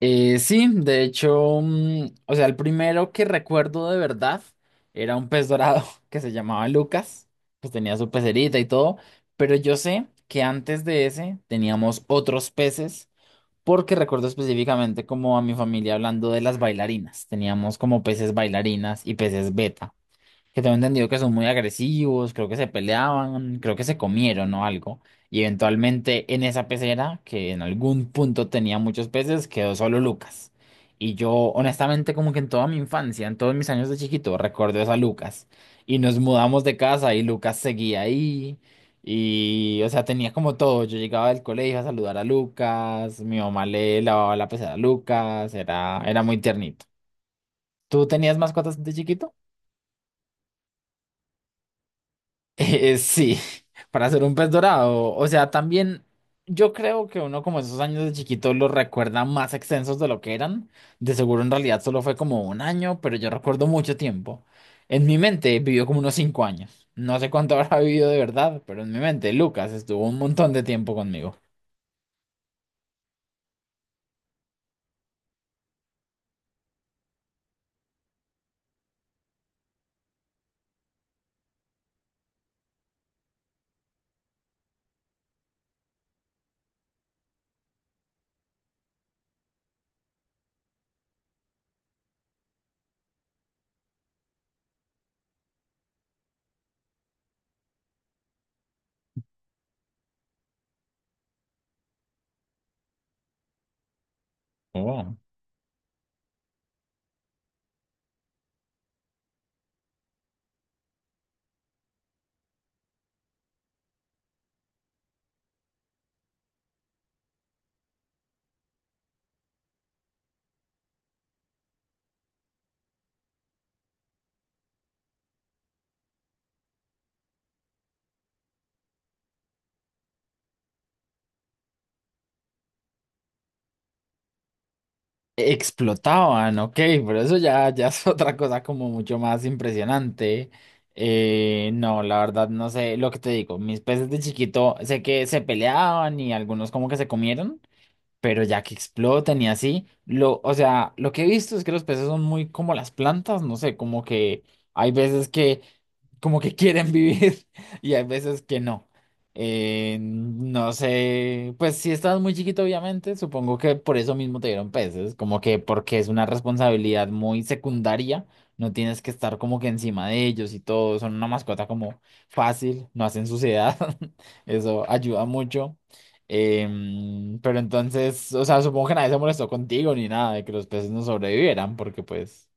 Sí, de hecho, o sea, el primero que recuerdo de verdad era un pez dorado que se llamaba Lucas, pues tenía su pecerita y todo, pero yo sé que antes de ese teníamos otros peces, porque recuerdo específicamente como a mi familia hablando de las bailarinas, teníamos como peces bailarinas y peces beta. Que tengo entendido que son muy agresivos, creo que se peleaban, creo que se comieron o algo. Y eventualmente en esa pecera, que en algún punto tenía muchos peces, quedó solo Lucas. Y yo, honestamente, como que en toda mi infancia, en todos mis años de chiquito, recuerdo esa Lucas. Y nos mudamos de casa y Lucas seguía ahí. Y, o sea, tenía como todo. Yo llegaba del colegio a saludar a Lucas, mi mamá le lavaba la pecera a Lucas, era muy tiernito. ¿Tú tenías mascotas de chiquito? Sí, para ser un pez dorado. O sea, también yo creo que uno como esos años de chiquito los recuerda más extensos de lo que eran. De seguro en realidad solo fue como un año, pero yo recuerdo mucho tiempo. En mi mente vivió como unos 5 años. No sé cuánto habrá vivido de verdad, pero en mi mente Lucas estuvo un montón de tiempo conmigo. Explotaban, ok, pero eso ya es otra cosa como mucho más impresionante. No, la verdad no sé lo que te digo. Mis peces de chiquito sé que se peleaban y algunos como que se comieron, pero ya que explotan y así, o sea, lo que he visto es que los peces son muy como las plantas, no sé, como que hay veces que como que quieren vivir y hay veces que no. No sé, pues si estás muy chiquito, obviamente, supongo que por eso mismo te dieron peces, como que porque es una responsabilidad muy secundaria, no tienes que estar como que encima de ellos y todo, son una mascota como fácil, no hacen suciedad, eso ayuda mucho. Pero entonces, o sea, supongo que nadie se molestó contigo ni nada de que los peces no sobrevivieran, porque pues,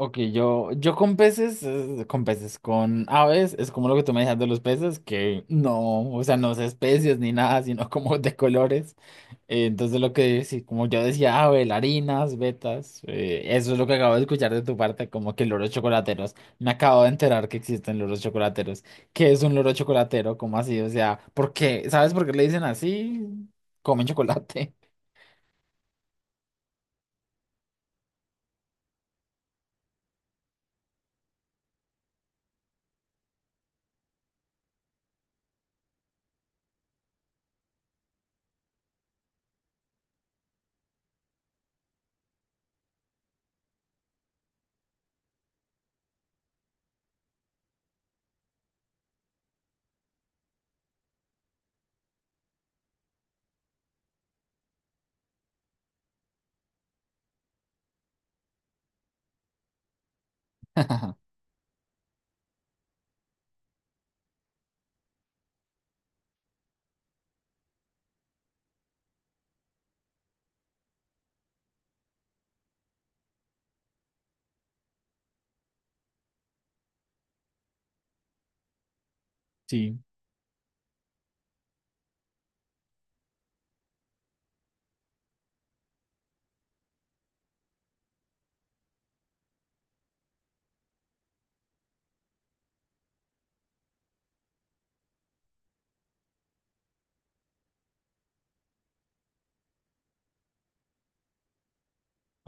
ok, yo con peces, con peces, con aves, es como lo que tú me decías de los peces, que no, o sea, no es especies ni nada, sino como de colores. Entonces lo que sí, como yo decía, ah, bailarinas, betas, eso es lo que acabo de escuchar de tu parte, como que loros chocolateros. Me acabo de enterar que existen loros chocolateros. ¿Qué es un loro chocolatero? ¿Cómo así? O sea, ¿por qué? ¿Sabes por qué le dicen así? Comen chocolate. Sí.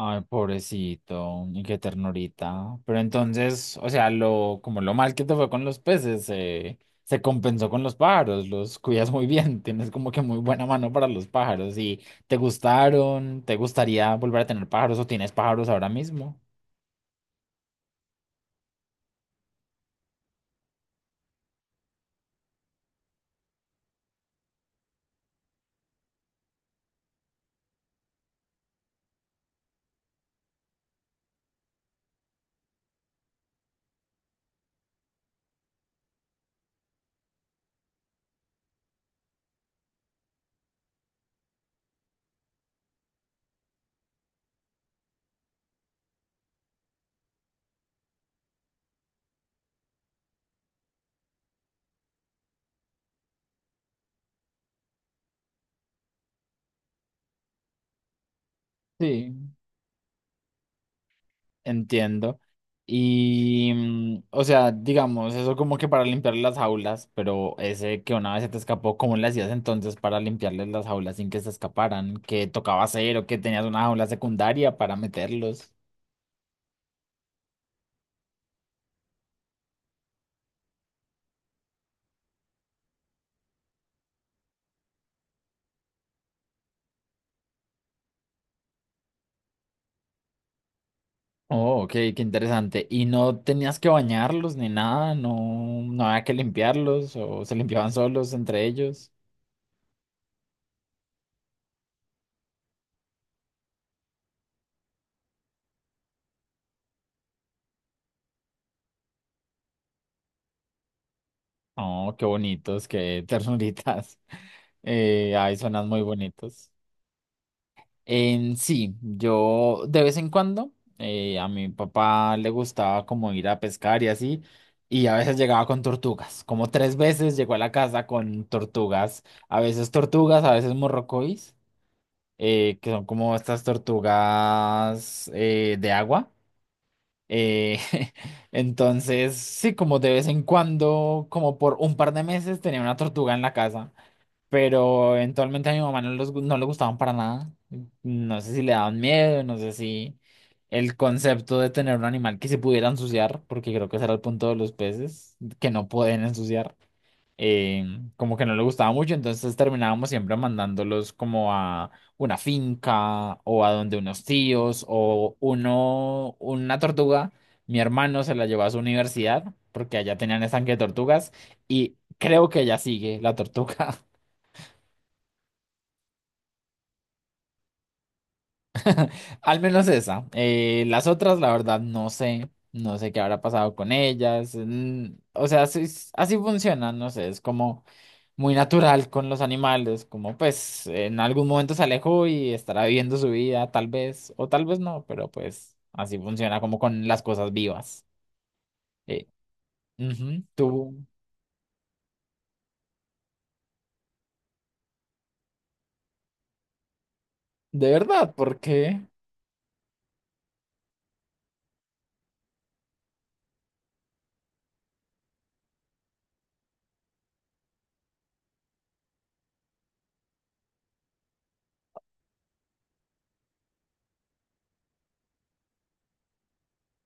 Ay, pobrecito, y qué ternurita. Pero entonces, o sea, lo, como lo mal que te fue con los peces, se compensó con los pájaros, los cuidas muy bien, tienes como que muy buena mano para los pájaros. ¿Y te gustaron? ¿Te gustaría volver a tener pájaros o tienes pájaros ahora mismo? Sí. Entiendo. Y, mm, o sea, digamos, eso como que para limpiar las jaulas, pero ese que una vez se te escapó, ¿cómo le hacías entonces para limpiarles las jaulas sin que se escaparan? ¿Qué tocaba hacer o que tenías una jaula secundaria para meterlos? Oh, ok, qué interesante. ¿Y no tenías que bañarlos ni nada? ¿No, no había que limpiarlos o se limpiaban solos entre ellos? Oh, qué bonitos, qué ternuritas. Ay, suenan muy bonitos. En sí, yo de vez en cuando a mi papá le gustaba como ir a pescar y así, y a veces llegaba con tortugas, como 3 veces llegó a la casa con tortugas, a veces morrocois, que son como estas tortugas de agua. eh, entonces, sí, como de vez en cuando, como por un par de meses tenía una tortuga en la casa pero eventualmente a mi mamá no, no le gustaban para nada. No sé si le daban miedo, no sé si el concepto de tener un animal que se pudiera ensuciar, porque creo que ese era el punto de los peces, que no pueden ensuciar, eh, como que no le gustaba mucho, entonces terminábamos siempre mandándolos como a una finca o a donde unos tíos o una tortuga. Mi hermano se la llevó a su universidad porque allá tenían estanque de tortugas y creo que ya sigue la tortuga. Al menos esa. Las otras, la verdad, no sé. No sé qué habrá pasado con ellas. O sea, así, así funciona, no sé. Es como muy natural con los animales. Como pues en algún momento se alejó y estará viviendo su vida, tal vez, o tal vez no, pero pues así funciona como con las cosas vivas. Eh, ujú, de verdad, ¿por qué?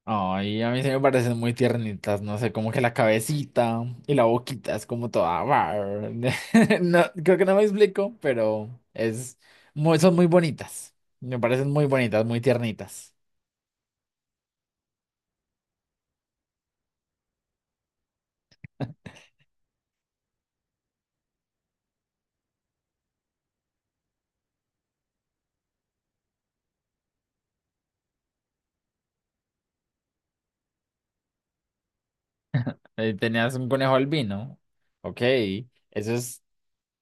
Ay, a mí se me parecen muy tiernitas, no sé, como que la cabecita y la boquita es como toda No, creo que no me explico, pero es muy, son muy bonitas. Me parecen muy bonitas, muy tiernitas. Tenías un conejo albino. Ok, esos,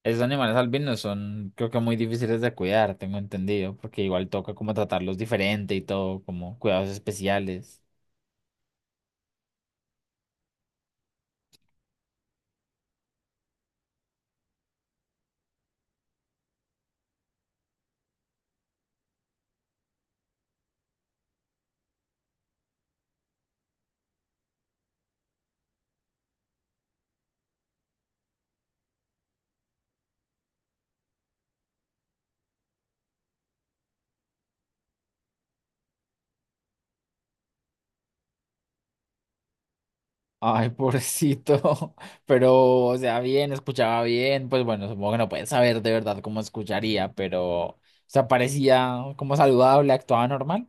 esos animales albinos son, creo que muy difíciles de cuidar, tengo entendido, porque igual toca como tratarlos diferente y todo, como cuidados especiales. Ay, pobrecito. Pero, o sea, bien, escuchaba bien. Pues bueno, supongo que no puedes saber de verdad cómo escucharía, pero, o sea, parecía como saludable, actuaba normal.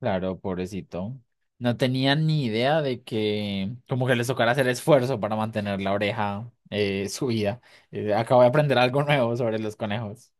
Claro, pobrecito. No tenía ni idea de que, como que les tocara hacer esfuerzo para mantener la oreja subida. Acabo de aprender algo nuevo sobre los conejos.